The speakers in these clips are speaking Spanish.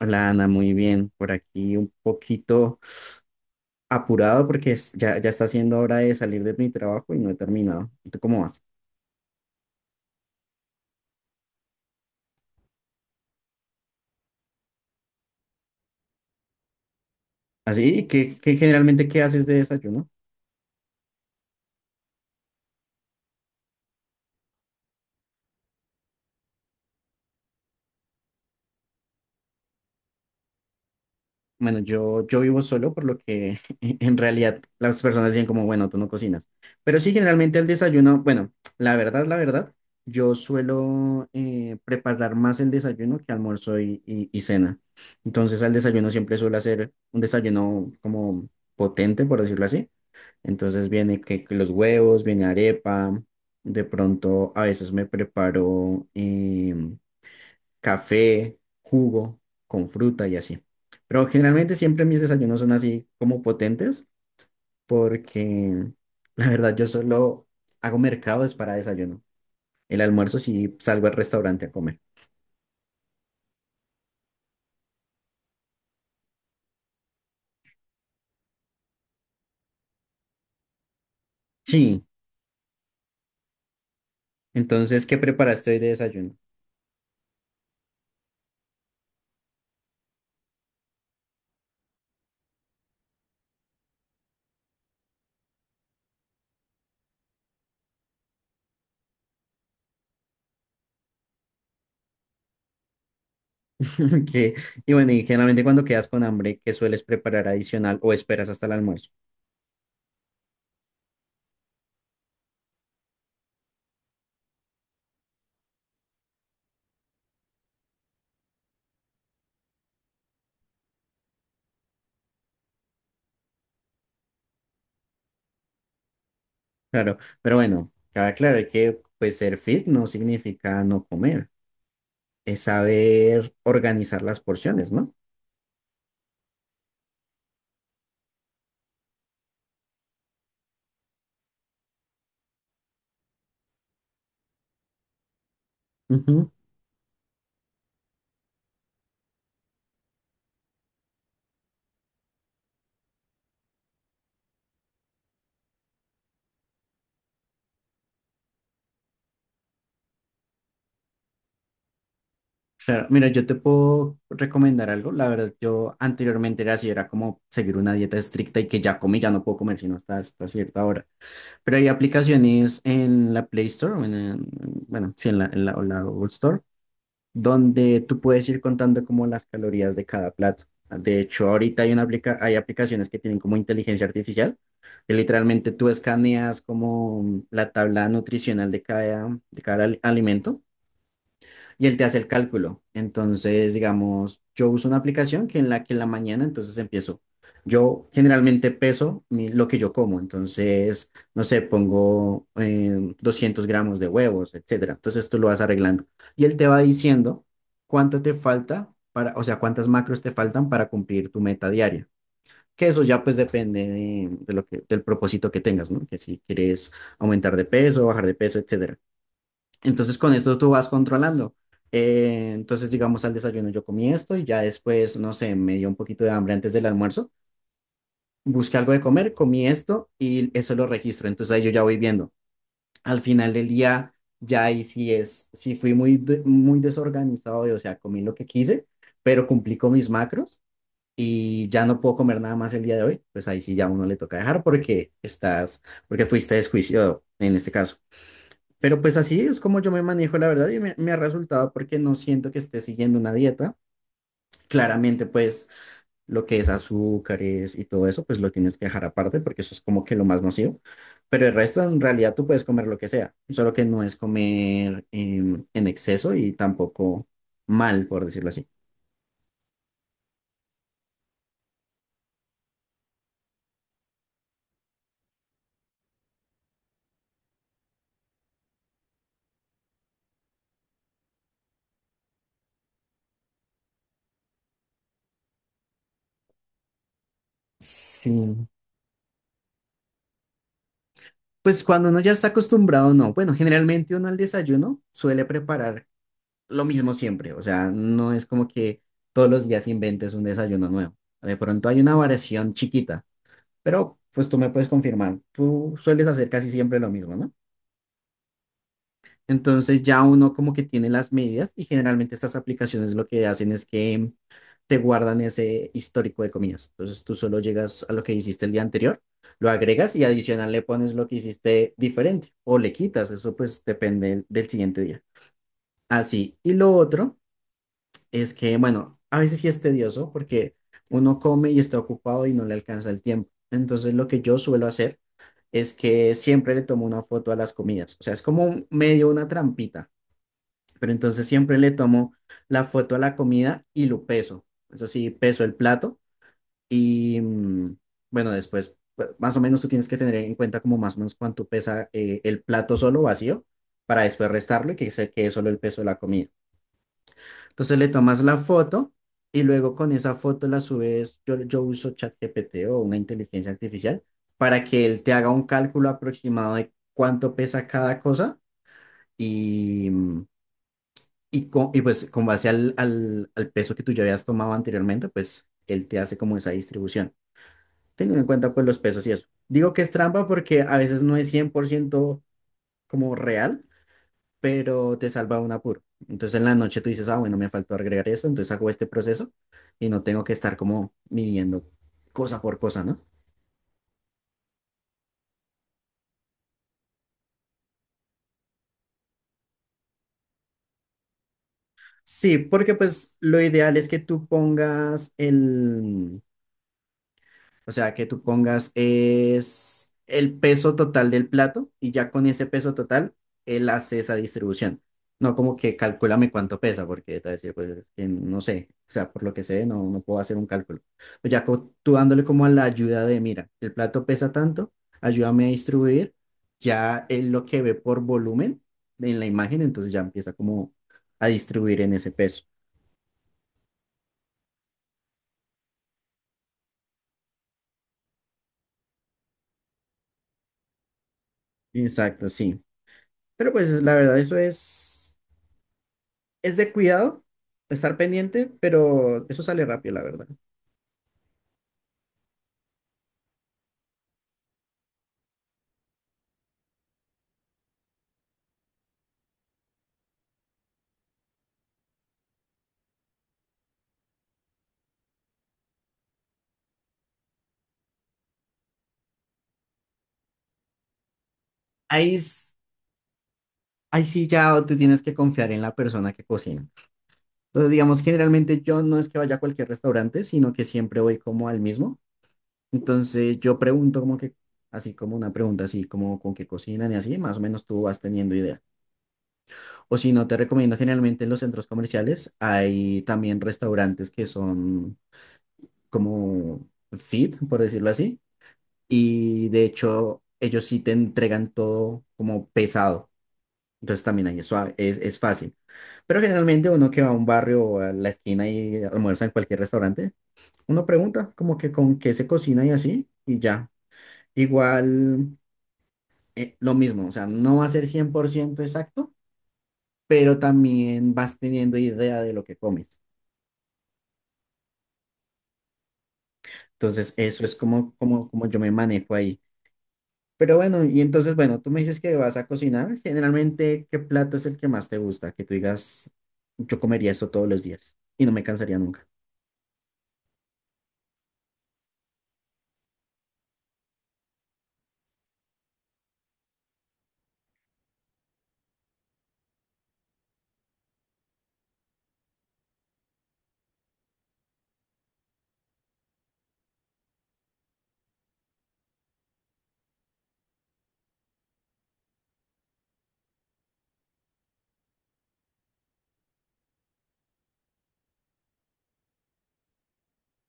Hola Ana, muy bien. Por aquí un poquito apurado ya está siendo hora de salir de mi trabajo y no he terminado. ¿Tú cómo vas? Así, ¿qué generalmente qué haces de desayuno? Bueno, yo vivo solo, por lo que en realidad las personas dicen como, bueno, tú no cocinas. Pero sí, generalmente el desayuno, bueno, la verdad, yo suelo preparar más el desayuno que almuerzo y cena. Entonces al desayuno siempre suelo hacer un desayuno como potente, por decirlo así. Entonces viene que los huevos, viene arepa, de pronto a veces me preparo café, jugo con fruta y así. Pero generalmente siempre mis desayunos son así como potentes porque la verdad yo solo hago mercados para desayuno. El almuerzo sí salgo al restaurante a comer. Sí, entonces, ¿qué preparaste hoy de desayuno? Que. Y bueno, y generalmente cuando quedas con hambre, ¿qué sueles preparar adicional o esperas hasta el almuerzo? Claro, pero bueno, cabe aclarar que pues ser fit no significa no comer, es saber organizar las porciones, ¿no? Ujú. Claro, mira, yo te puedo recomendar algo. La verdad, yo anteriormente era así, era como seguir una dieta estricta y que ya comí, ya no puedo comer sino hasta, hasta cierta hora. Pero hay aplicaciones en la Play Store, bueno, sí, en la o la Google Store, donde tú puedes ir contando como las calorías de cada plato. De hecho, ahorita hay aplicaciones que tienen como inteligencia artificial, que literalmente tú escaneas como la tabla nutricional de cada, alimento y él te hace el cálculo. Entonces, digamos, yo uso una aplicación que en la mañana, entonces empiezo. Yo generalmente lo que yo como, entonces, no sé, pongo 200 gramos de huevos, etcétera. Entonces tú lo vas arreglando. Y él te va diciendo cuánto te falta para, o sea, cuántas macros te faltan para cumplir tu meta diaria. Que eso ya pues depende de lo que, del propósito que tengas, ¿no? Que si quieres aumentar de peso, bajar de peso, etcétera. Entonces con esto tú vas controlando. Entonces, digamos, al desayuno yo comí esto y ya después, no sé, me dio un poquito de hambre antes del almuerzo. Busqué algo de comer, comí esto y eso lo registro. Entonces ahí yo ya voy viendo. Al final del día, ya ahí sí fui muy desorganizado, y, o sea, comí lo que quise, pero cumplí con mis macros y ya no puedo comer nada más el día de hoy. Pues ahí sí ya a uno le toca dejar porque estás, porque fuiste desjuiciado en este caso. Pero pues así es como yo me manejo, la verdad, y me ha resultado porque no siento que esté siguiendo una dieta. Claramente, pues lo que es azúcares y todo eso, pues lo tienes que dejar aparte porque eso es como que lo más nocivo. Pero el resto, en realidad, tú puedes comer lo que sea, solo que no es comer en exceso y tampoco mal, por decirlo así. Sí. Pues cuando uno ya está acostumbrado, no. Bueno, generalmente uno al desayuno suele preparar lo mismo siempre, o sea, no es como que todos los días inventes un desayuno nuevo. De pronto hay una variación chiquita, pero pues tú me puedes confirmar, tú sueles hacer casi siempre lo mismo, ¿no? Entonces ya uno como que tiene las medidas y generalmente estas aplicaciones lo que hacen es que te guardan ese histórico de comidas. Entonces tú solo llegas a lo que hiciste el día anterior, lo agregas y adicional le pones lo que hiciste diferente o le quitas, eso pues depende del siguiente día. Así. Y lo otro es que, bueno, a veces sí es tedioso porque uno come y está ocupado y no le alcanza el tiempo. Entonces, lo que yo suelo hacer es que siempre le tomo una foto a las comidas. O sea, es como medio una trampita, pero entonces siempre le tomo la foto a la comida y lo peso. Eso sí, peso el plato y, bueno, después, pues, más o menos tú tienes que tener en cuenta como más o menos cuánto pesa el plato solo vacío para después restarlo y que se quede solo el peso de la comida. Entonces le tomas la foto y luego con esa foto la subes. Yo uso ChatGPT o una inteligencia artificial para que él te haga un cálculo aproximado de cuánto pesa cada cosa y, y pues con base al peso que tú ya habías tomado anteriormente, pues él te hace como esa distribución, teniendo en cuenta pues los pesos y eso. Digo que es trampa porque a veces no es 100% como real, pero te salva un apuro. Entonces en la noche tú dices, ah, bueno, me faltó agregar eso, entonces hago este proceso y no tengo que estar como midiendo cosa por cosa, ¿no? Sí, porque pues lo ideal es que tú pongas el. O sea, que tú pongas es el peso total del plato y ya con ese peso total, él hace esa distribución. No como que calcúlame cuánto pesa, porque te va a decir, pues, es que no sé. O sea, por lo que sé, no, no puedo hacer un cálculo. Tú dándole como a la ayuda de, mira, el plato pesa tanto, ayúdame a distribuir. Ya él lo que ve por volumen en la imagen, entonces ya empieza como a distribuir en ese peso. Exacto, sí. Pero pues la verdad, eso es. Es de cuidado, estar pendiente, pero eso sale rápido, la verdad. Ahí, s- ahí sí ya te tienes que confiar en la persona que cocina. Entonces, digamos, generalmente yo no es que vaya a cualquier restaurante, sino que siempre voy como al mismo. Entonces, yo pregunto como que, así como una pregunta, así como con qué cocinan y así, más o menos tú vas teniendo idea. O si no, te recomiendo generalmente en los centros comerciales hay también restaurantes que son como fit, por decirlo así, y de hecho ellos sí te entregan todo como pesado. Entonces también ahí es fácil. Pero generalmente uno que va a un barrio o a la esquina y almuerza en cualquier restaurante, uno pregunta como que con qué se cocina y así y ya. Igual lo mismo, o sea, no va a ser 100% exacto, pero también vas teniendo idea de lo que comes. Entonces eso es como yo me manejo ahí. Pero bueno, y entonces, bueno, tú me dices que vas a cocinar. Generalmente, ¿qué plato es el que más te gusta? Que tú digas, yo comería esto todos los días y no me cansaría nunca.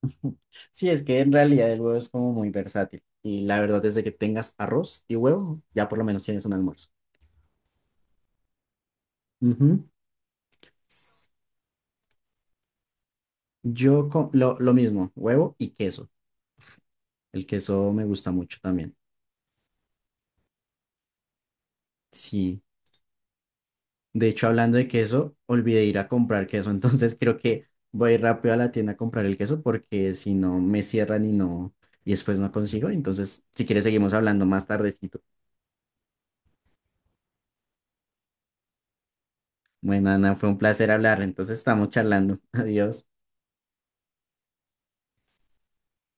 Sí, es que en realidad el huevo es como muy versátil. Y la verdad es de que tengas arroz y huevo, ya por lo menos tienes un almuerzo. Ujú. Yo lo mismo, huevo y queso. El queso me gusta mucho también. Sí. De hecho, hablando de queso, olvidé ir a comprar queso, entonces creo que voy a ir rápido a la tienda a comprar el queso porque si no me cierran y no, y después no consigo. Entonces, si quieres, seguimos hablando más tardecito. Bueno, Ana, fue un placer hablar, entonces estamos charlando. Adiós.